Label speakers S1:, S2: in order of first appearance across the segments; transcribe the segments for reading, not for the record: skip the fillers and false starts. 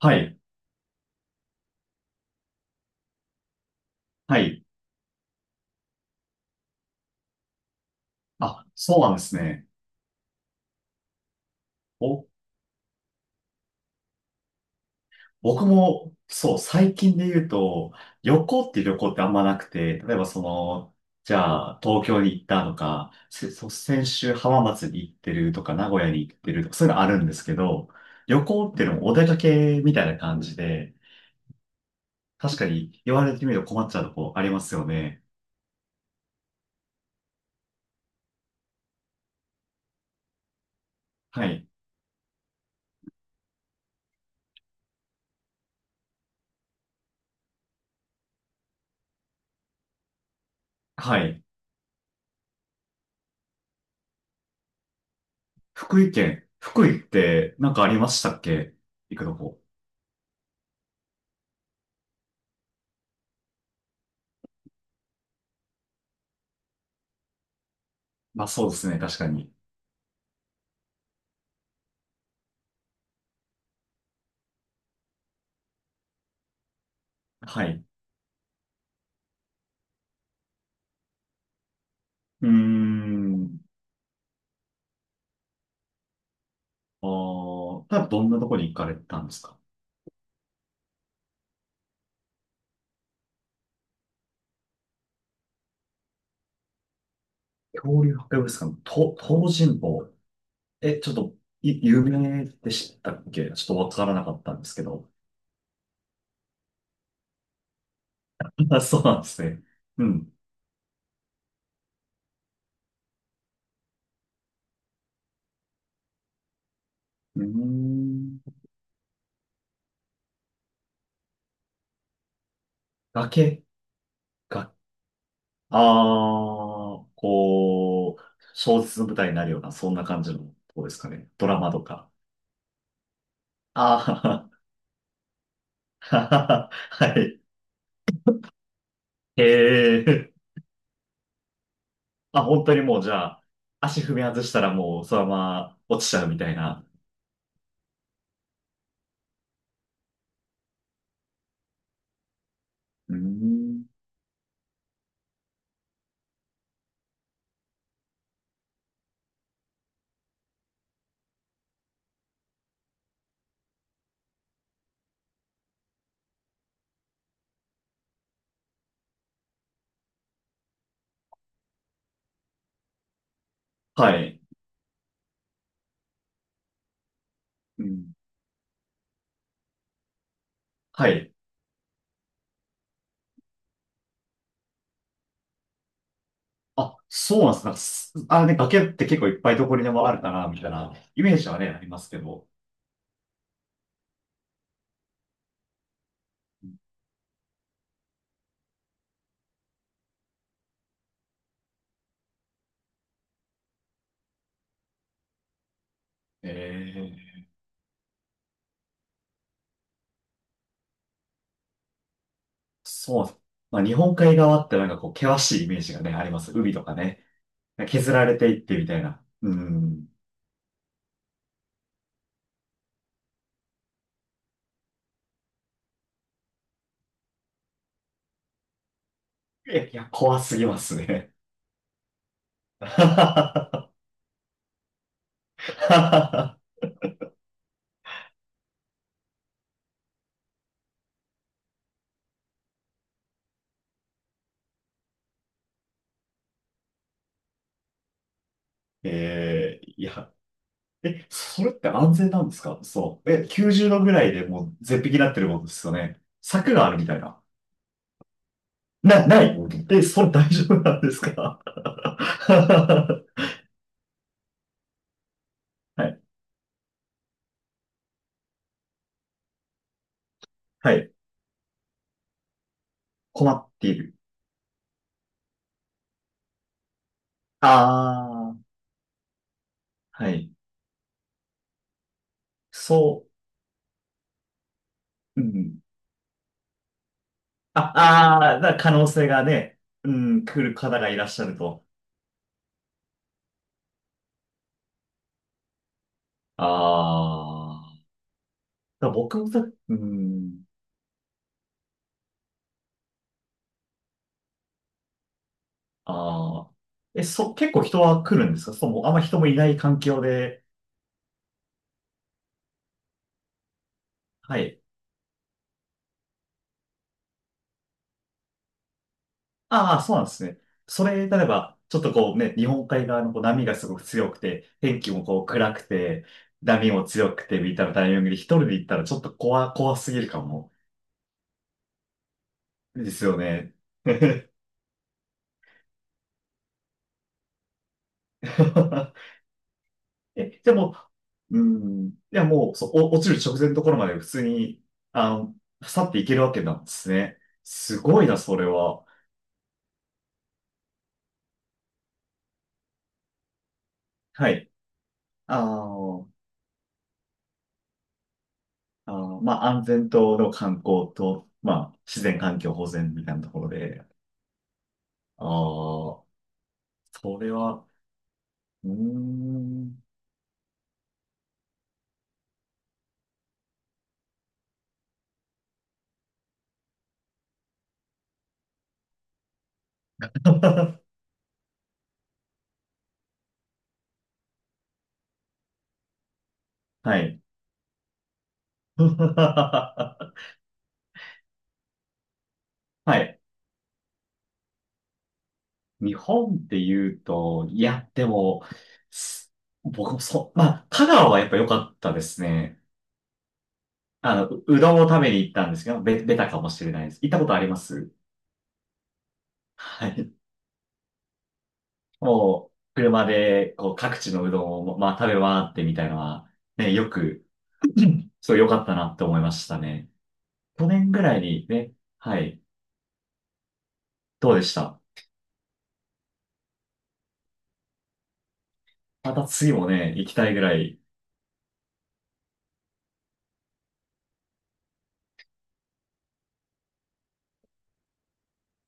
S1: はい、はい。あ、そうなんですね。お、僕も、そう、最近で言うと、旅行ってあんまなくて、例えばその、じゃあ、東京に行ったとか、そう先週浜松に行ってるとか、名古屋に行ってるとか、そういうのあるんですけど、旅行っていうのもお出かけみたいな感じで、確かに言われてみると困っちゃうとこありますよね。はい、はい。福井県、福井ってなんかありましたっけ、行くとこ？まあそうですね、確かに。はい。うーん。ああ、ただどんなとこに行かれたんですか？恐竜博物館、と、東尋坊。え、ちょっと、有名でしたっけ？ちょっとわからなかったんですけど。あ、そうなんですね。うん。うーん。崖が、ああ、こう、小説の舞台になるような、そんな感じのとこですかね。ドラマとか。ああ、はははははい。へえ。あ、本当にもうじゃあ、足踏み外したらもうそのまま落ちちゃうみたいな。うーん。はい。うん。はい。あ、そうなんですか。あ、ね、崖って結構いっぱいどこにでもあるかな、みたいなイメージはね、ありますけど。ええ、そうなんです。まあ、日本海側ってなんかこう、険しいイメージがね、あります。海とかね。削られていってみたいな。うん。えいや、怖すぎますね。ええ、いや。え、それって安全なんですか？そう。え、90度ぐらいでもう絶壁になってるもんですよね。柵があるみたいな。ない。え、それ大丈夫なんですか？ はい。はい。困っている。ああ、はい。そう。うん。あ、ああ、可能性がね、うん、来る方がいらっしゃると。ああ。僕もさ、うん。ああ。え、結構人は来るんですか？そう、もうあんま人もいない環境で。はい。ああ、そうなんですね。それ、例えば、ちょっとこうね、日本海側のこう波がすごく強くて、天気もこう暗くて、波も強くて、みたいなタイミングで一人で行ったらちょっと怖すぎるかも。ですよね。え、でも、うん、いやもう、そう、落ちる直前のところまで普通に、あの、去っていけるわけなんですね。すごいな、それは。はい。あの、あの、まあ、安全との観光と、まあ、自然環境保全みたいなところで、ああ、それは、うーん。はい。はい。日本って言うと、いや、でも、す僕もそう、まあ、香川はやっぱ良かったですね。あの、うどんを食べに行ったんですけど、ベタかもしれないです。行ったことあります？はい。もう、車で、こう、各地のうどんを、まあ、食べ回ってみたいなのは、ね、よく、すごい良かったなって思いましたね。去年ぐらいにね、はい。どうでした？また次もね、行きたいぐらい。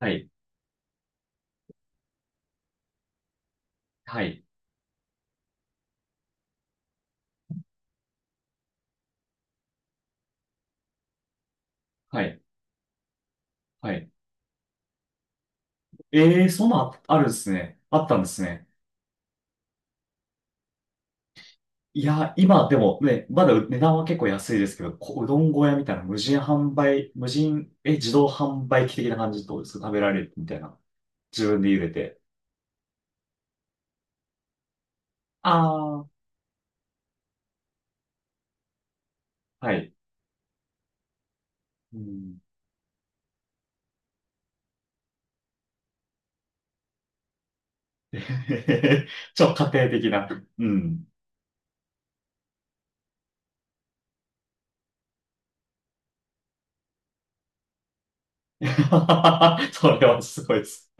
S1: はい、はい、はい、はい。ええ、そんなんあるんですね。あったんですね。いや、今でもね、まだ値段は結構安いですけど、うどん小屋みたいな無人販売、無人、え、自動販売機的な感じとですか食べられるみたいな。自分で茹でて。ああ、はい。うん。 家庭的な。うん。それはすごいです。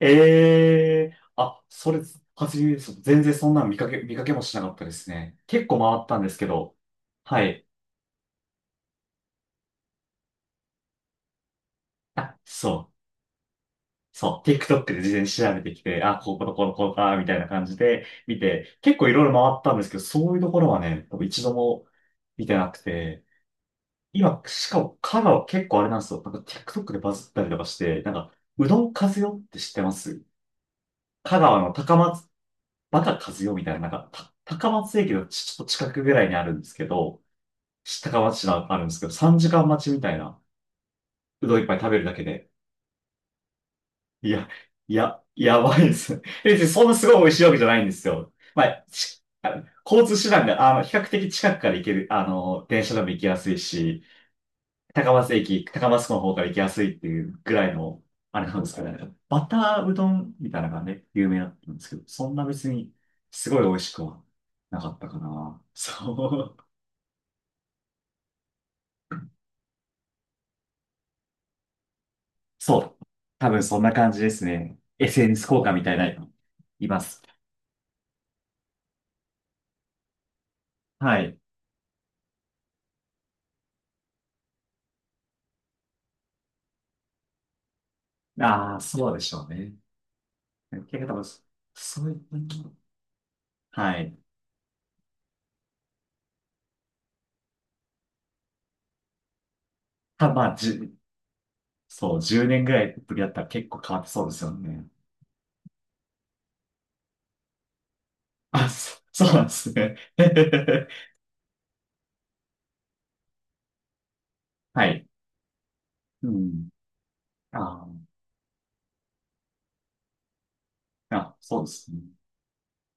S1: ええ、あ、それ、初めです。全然そんなの見かけもしなかったですね。結構回ったんですけど、はい。あ、そう、そう、TikTok で事前に調べてきて、あ、こことこのこうか、みたいな感じで見て、結構いろいろ回ったんですけど、そういうところはね、多分一度も見てなくて、今、しかも、香川結構あれなんですよ。なんか TikTok でバズったりとかして、なんか、うどん風よって知ってます？香川の高松バカ和代みたいな、なんか、高松駅のちょっと近くぐらいにあるんですけど、高松市のあるんですけど、3時間待ちみたいな、うどん一杯食べるだけで。いや、いや、やばいです。え、そんなすごい美味しいわけじゃないんですよ。まあ、あの交通手段が、あの、比較的近くから行ける、あの、電車でも行きやすいし、高松駅、高松港の方から行きやすいっていうぐらいの、あれなんですけどね。バターうどんみたいなのがね、有名だったんですけど、そんな別にすごい美味しくはなかったかな。そう。そう。多分そんな感じですね。SNS 効果みたいな、います。はい。ああ、そうでしょうね。結構多分、そういう感じ、はい。たぶん、まあ、そう、10年ぐらいぶりだったら結構変わってそうですよね。あ、そうなんですね。はい。うん。ああ、あ、そうですね。